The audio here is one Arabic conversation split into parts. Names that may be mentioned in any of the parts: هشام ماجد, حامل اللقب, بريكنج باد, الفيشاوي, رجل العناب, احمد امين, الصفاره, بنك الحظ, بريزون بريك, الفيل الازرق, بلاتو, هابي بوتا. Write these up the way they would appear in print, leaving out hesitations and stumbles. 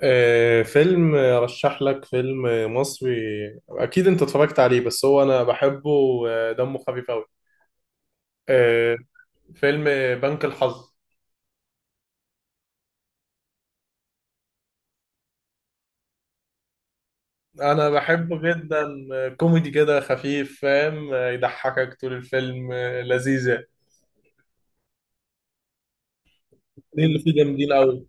فيلم رشح لك فيلم مصري. اكيد انت اتفرجت عليه بس هو انا بحبه ودمه خفيف قوي. آه، فيلم بنك الحظ. انا بحبه جدا، كوميدي كده خفيف، فاهم، يضحكك طول الفيلم، لذيذ يعني. دي اللي فيه جامدين قوي.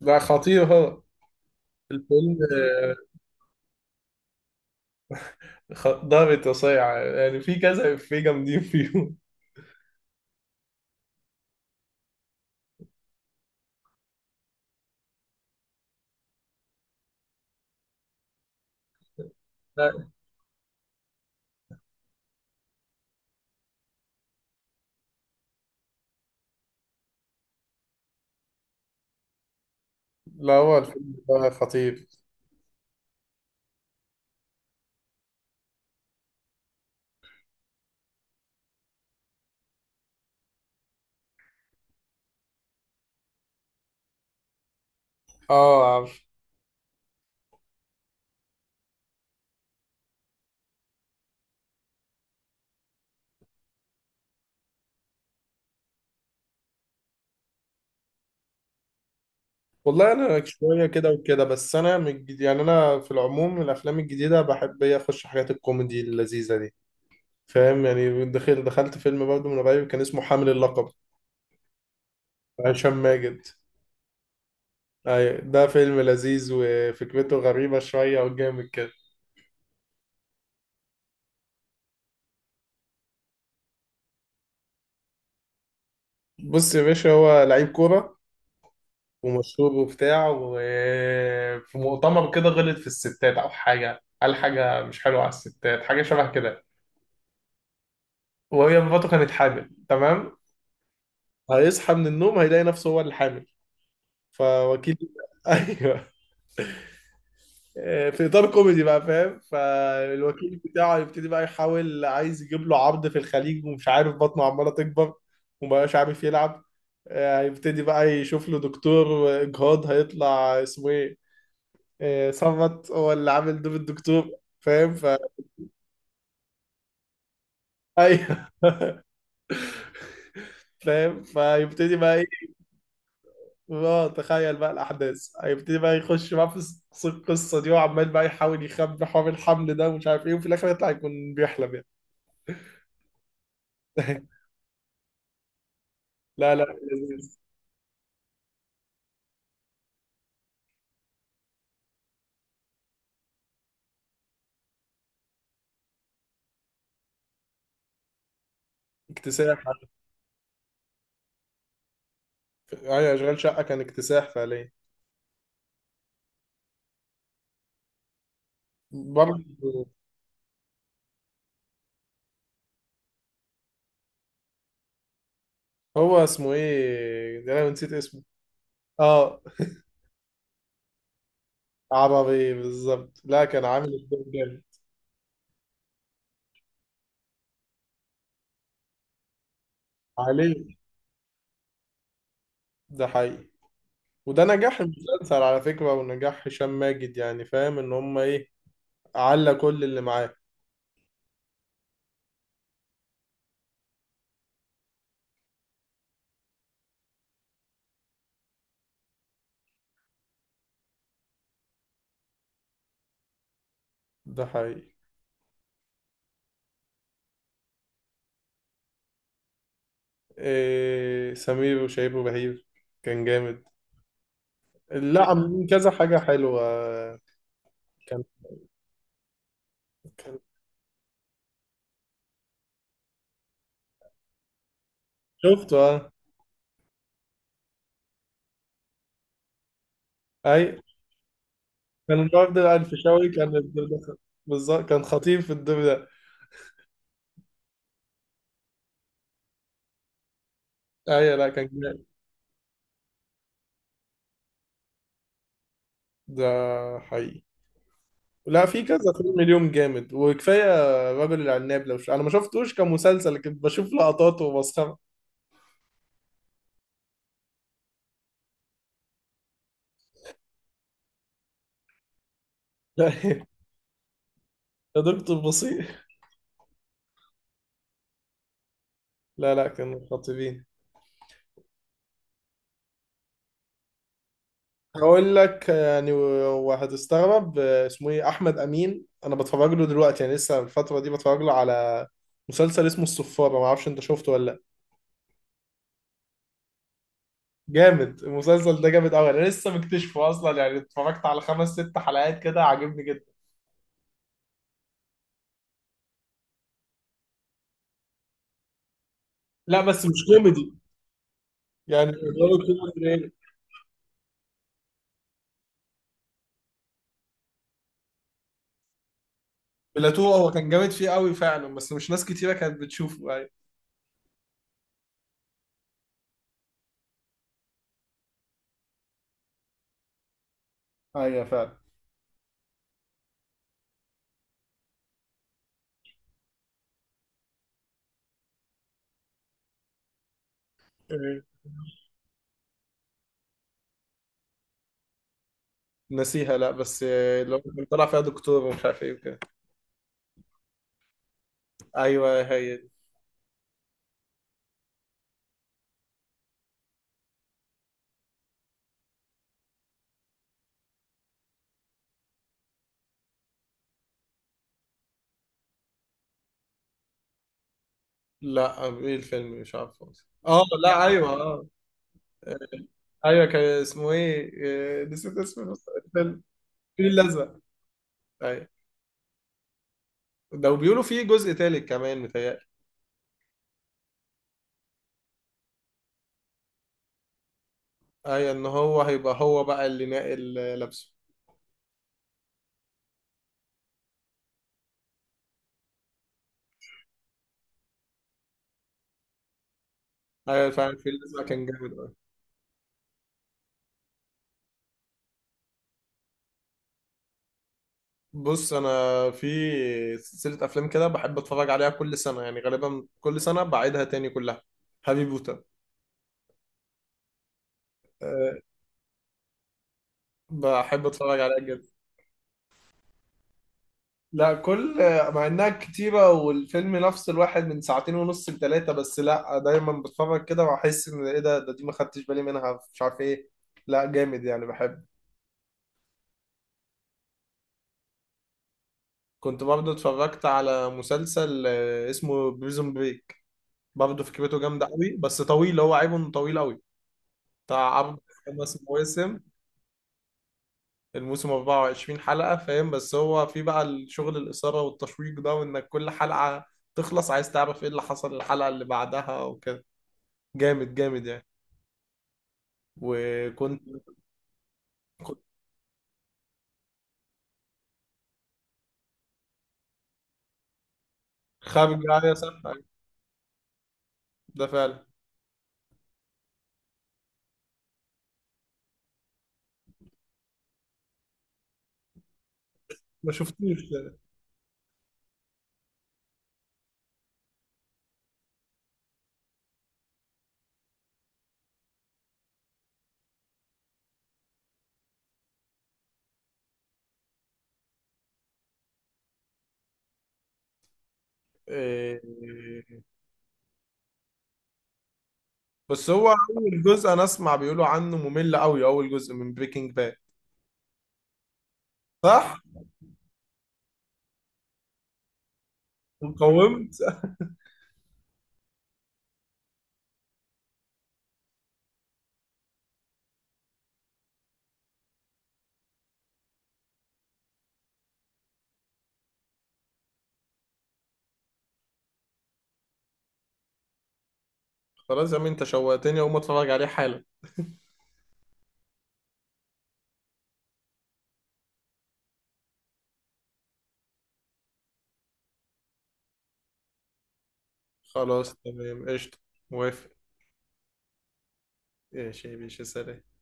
لا، خطير هو الفيلم. ضابط وصايع يعني، في كذا، في جامدين فيهم. لا، لا، هو الفيلم ده خطير. اه، والله انا شويه كده وكده. بس انا يعني انا في العموم الافلام الجديده بحب إيه، اخش حاجات الكوميدي اللذيذه دي. فاهم يعني، دخلت فيلم برضه من قريب كان اسمه حامل اللقب، بتاع هشام ماجد. أيوة، ده فيلم لذيذ وفكرته غريبه شويه وجامد كده. بص يا باشا، هو لعيب كوره ومشهور وبتاع، وفي مؤتمر كده غلط في الستات، او حاجه، قال حاجه مش حلوه على الستات، حاجه شبه كده. وهي مراته كانت حامل، تمام؟ هيصحى من النوم هيلاقي نفسه هو اللي حامل. فوكيل ايوه. في اطار كوميدي بقى فاهم. فالوكيل بتاعه يبتدي بقى يحاول عايز يجيب له عرض في الخليج ومش عارف، بطنه عماله تكبر ومبقاش عارف يلعب. هيبتدي بقى يشوف له دكتور اجهاض، هيطلع اسمه ايه، صمت، هو اللي عامل دور الدكتور، فاهم. ايوه. فاهم، فيبتدي بقى ايه. اه، تخيل بقى الاحداث، هيبتدي بقى يخش بقى في القصه دي، وعمال بقى يحاول يخبي حوار الحمل ده ومش عارف ايه، وفي الاخر يطلع يكون بيحلم يعني. لا، لا، لذيذ. اكتساح. ايوه، اشغال شقه كان اكتساح فعليا برضه. هو اسمه ايه ده، انا نسيت اسمه. اه، عربي بالظبط. لا، كان عامل الدور جامد. عليه. ده حقيقي. وده نجاح المسلسل على فكره، ونجاح هشام ماجد، يعني فاهم ان هم ايه، على كل اللي معاه. ده حقيقي. إيه، سمير وشهير وبهير كان جامد. لا، عاملين كذا حاجه حلوه. كان كان شفته، اه. اي، كان النهارده بقى الفيشاوي كان الدور ده بالظبط، كان خطير في الدور ده. ايوه، لا، كان جامد. ده حقيقي. لا، في كذا فيلم اليوم جامد، وكفايه رجل العناب. انا ما شفتوش كمسلسل لكن بشوف لقطات وبسخرة. لا يا دكتور بصير. لا، لا، كانوا خطيرين. هقول لك يعني، وهتستغرب، اسمه ايه، احمد امين. انا بتفرج له دلوقتي، يعني لسه الفتره دي بتفرج له على مسلسل اسمه الصفاره. ما اعرفش انت شفته ولا؟ جامد، المسلسل ده جامد قوي. انا لسه مكتشفه اصلا، يعني اتفرجت على خمس ست حلقات كده، عاجبني جدا. لا بس مش كوميدي، يعني اللي هو كوميدي إيه؟ بلاتو، هو كان جامد فيه قوي فعلا، بس مش ناس كتيره كانت بتشوفه يعني. ايوه، فعلا. إيه. نسيها. لا بس لو كان طلع فيها دكتور ومش عارف ايه وكده. ايوه، هي دي. لا، ايه الفيلم، مش عارفه أصلاً. اه، لا، ايوه، اه. ايوه، كان اسمه ايه، نسيت اسم الفيلم، الفيل الازرق. ايوه، ده بيقولوا فيه جزء تالت كمان متهيألي. ايوه، ان هو هيبقى، هو بقى اللي ناقل لابسه. ايوه، فعلا الفيلم ده كان جامد أوي. بص انا في سلسله افلام كده بحب اتفرج عليها كل سنه، يعني غالبا كل سنه بعيدها تاني كلها. هابي بوتا. أه، بحب اتفرج عليها جدا. لا، مع انها كتيره والفيلم نفس الواحد من ساعتين ونص لثلاثه، بس لا، دايما بتفرج كده واحس ان ايه ده دي ما خدتش بالي منها، مش عارف ايه. لا، جامد يعني، بحب. كنت برضه اتفرجت على مسلسل، اسمه بريزون بريك. برضه فكرته جامده قوي، بس طويل، هو عيبه انه طويل قوي. بتاع عبد، كان اسمه وسم الموسم 24 حلقه. فاهم، بس هو في بقى الشغل الاثاره والتشويق ده، وانك كل حلقه تخلص عايز تعرف ايه اللي حصل الحلقه اللي بعدها وكده. جامد جامد يعني. وكنت كنت خارج يا سنة. ده فعلا. ما شفتوش ده. إيه، بس هو اول جزء انا اسمع بيقولوا عنه ممل قوي، اول جزء من بريكنج باد، صح؟ وقومت. خلاص يا عم، انت شوقتني اقوم اتفرج عليه حالا. خلاص، تمام، قشطة. موافق. ايش يا باشا، سلام.